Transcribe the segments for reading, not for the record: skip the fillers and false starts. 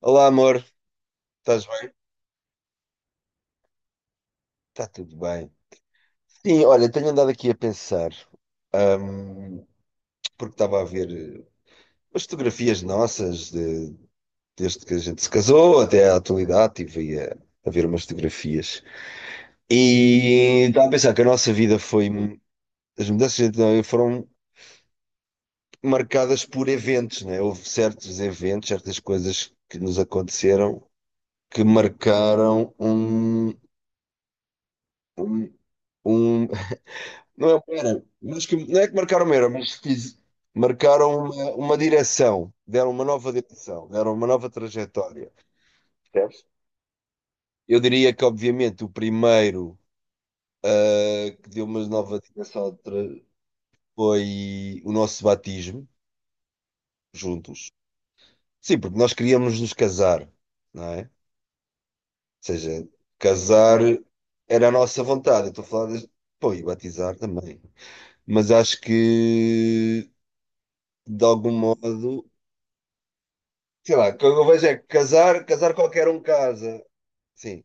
Olá, amor, estás bem? Está tudo bem. Sim, olha, tenho andado aqui a pensar, ahm, porque estava a ver as fotografias nossas desde que a gente se casou até à atualidade, estive a ver umas fotografias. E estava a pensar que a nossa vida foi. As mudanças de identidade foram marcadas por eventos, né? Houve certos eventos, certas coisas que nos aconteceram que marcaram um, um. Não é uma era, mas que, não é que marcaram uma era, mas marcaram uma direção, deram uma nova direção, deram uma nova trajetória. Percebes? Eu diria que, obviamente, o primeiro que deu uma nova direção de foi o nosso batismo, juntos. Sim, porque nós queríamos nos casar, não é? Ou seja, casar era a nossa vontade. Eu estou a falar de... Pô, e batizar também. Mas acho que, de algum modo. Sei lá, o que eu vejo é que casar qualquer um casa. Sim,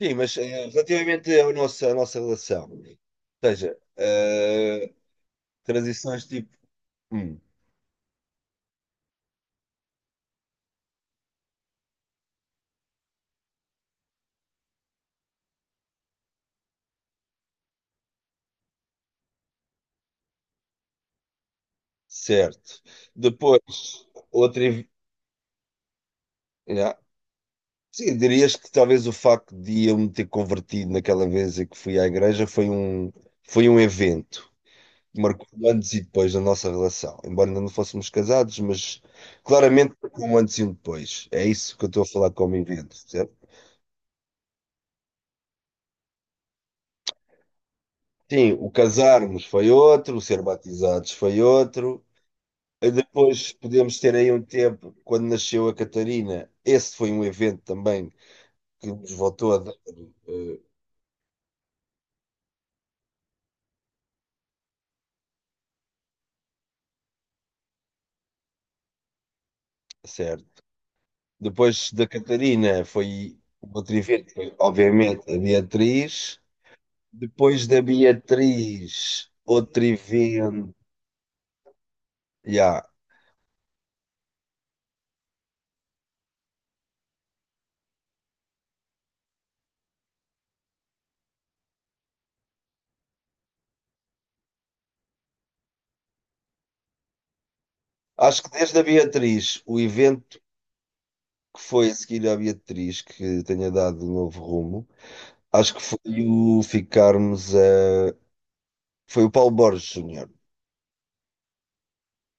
sim, mas relativamente à nossa relação, ou seja, transições tipo, hum, certo. Depois, outra. Yeah. Sim, dirias que talvez o facto de eu me ter convertido naquela vez em que fui à igreja foi foi um evento que marcou o antes e depois da nossa relação. Embora ainda não fôssemos casados, mas claramente marcou um antes e um depois. É isso que eu estou a falar como evento. Sim, o casarmos foi outro, o ser batizados foi outro. E depois podemos ter aí um tempo, quando nasceu a Catarina, esse foi um evento também que nos voltou a dar, eh, certo. Depois da Catarina foi outro evento, foi, obviamente, a Beatriz. Depois da Beatriz, outro evento. Ya. Acho que desde a Beatriz, o evento que foi a seguir à Beatriz, que tenha dado um novo rumo. Acho que foi o ficarmos a. Foi o Paulo Borges Júnior.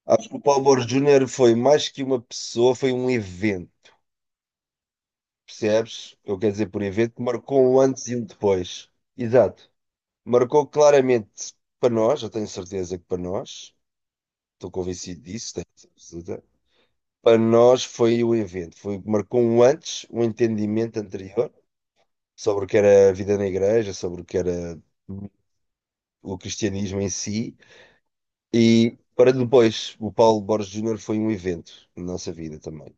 Acho que o Paulo Borges Júnior foi mais que uma pessoa, foi um evento, percebes? Eu quero dizer por evento, que marcou um antes e um depois. Exato. Marcou claramente para nós, eu tenho certeza que para nós, estou convencido disso, tenho certeza. Para nós foi o evento, foi, marcou um antes, um entendimento anterior sobre o que era a vida na igreja, sobre o que era o cristianismo em si. E para depois, o Paulo Borges Júnior foi um evento na nossa vida também.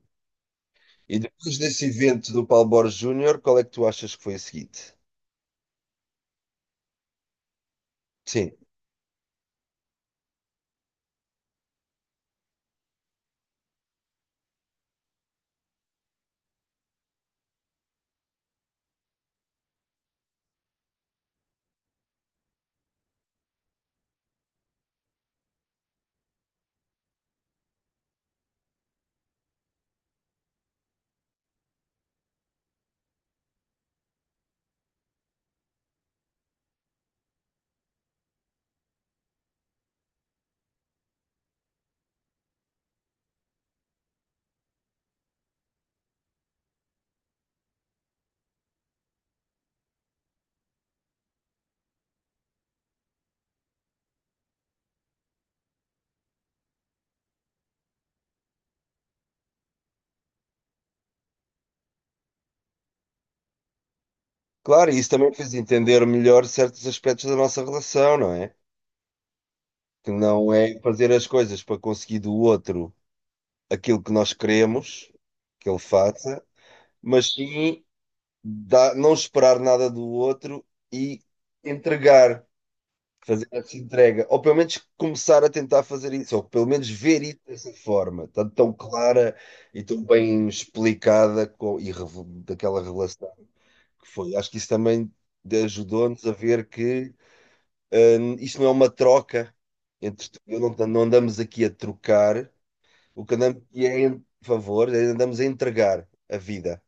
E depois desse evento do Paulo Borges Júnior, qual é que tu achas que foi a seguinte? Sim, claro, e isso também fez entender melhor certos aspectos da nossa relação, não é? Que não é fazer as coisas para conseguir do outro aquilo que nós queremos que ele faça, mas sim não esperar nada do outro e entregar fazer essa entrega, ou pelo menos começar a tentar fazer isso, ou pelo menos ver isso dessa forma, tão, tão clara e tão bem explicada com, e daquela revelação que foi. Acho que isso também ajudou-nos a ver que isto não é uma troca entre tu e eu, não, não andamos aqui a trocar, o que andamos aqui é em favor, andamos a entregar a vida.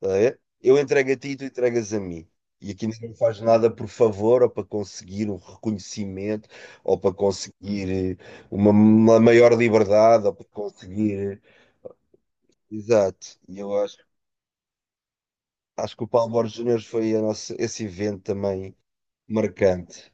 Tá a ver? Eu entrego a ti e tu entregas a mim. E aqui ninguém faz nada por favor ou para conseguir um reconhecimento ou para conseguir uma maior liberdade ou para conseguir. Exato. E eu acho, acho que o Paulo Borges Júnior foi a nossa, esse evento também marcante.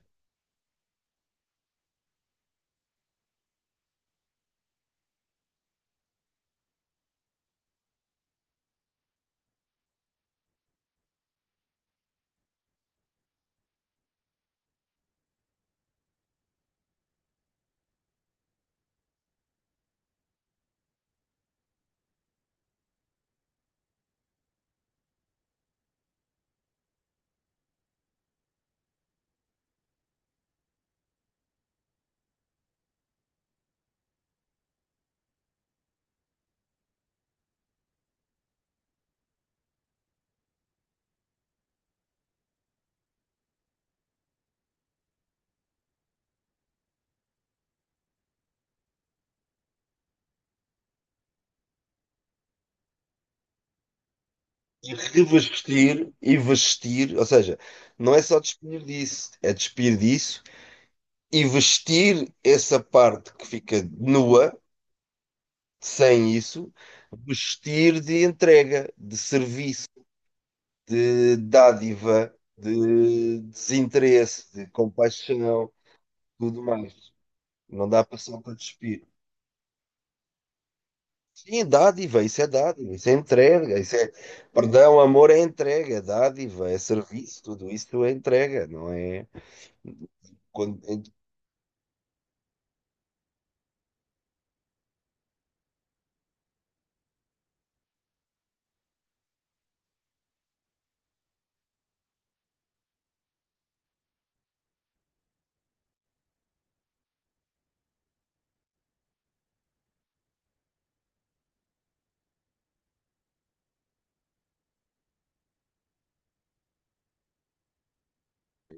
E revestir e vestir, ou seja, não é só despir disso, é despir disso e vestir essa parte que fica nua. Sem isso, vestir de entrega, de serviço, de dádiva, de desinteresse, de compaixão, tudo mais. Não dá para só para despir. Sim, dádiva, isso é entrega, isso é. Perdão, amor é entrega, é dádiva, é serviço, tudo isso é entrega, não é? Quando...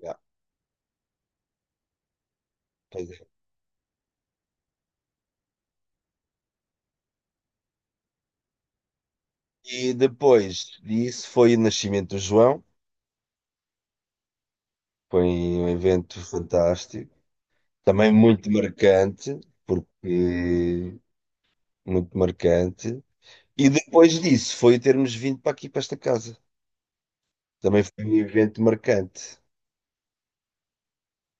Ah, pois é. E depois disso foi o nascimento do João, foi um evento fantástico. Também muito marcante, porque muito marcante. E depois disso foi termos vindo para aqui, para esta casa. Também foi um evento marcante.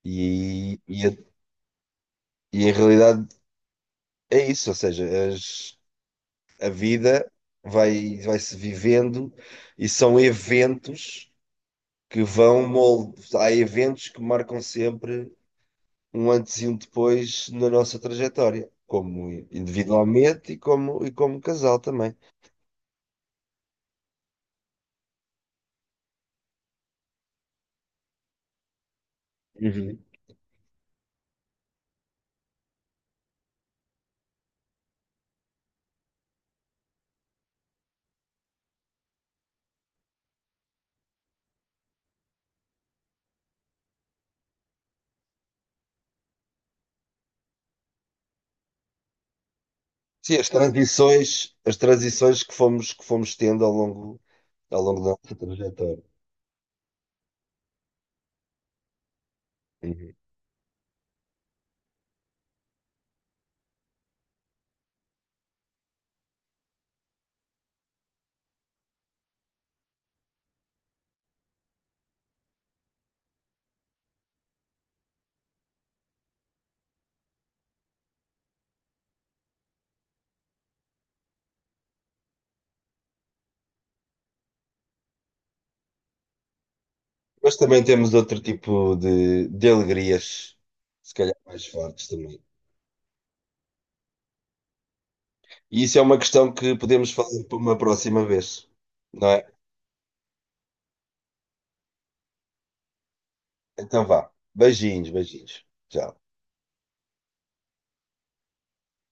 E, e, a- e em realidade é isso, ou seja, a vida vai-se vivendo e são eventos que vão moldar. Há eventos que marcam sempre um antes e um depois na nossa trajetória, como individualmente e como casal também. Uhum. Sim, as transições que fomos tendo ao longo da nossa trajetória. Uhum. Mas também temos outro tipo de alegrias, se calhar mais fortes também. E isso é uma questão que podemos falar para uma próxima vez, não é? Então vá. Beijinhos, beijinhos. Tchau.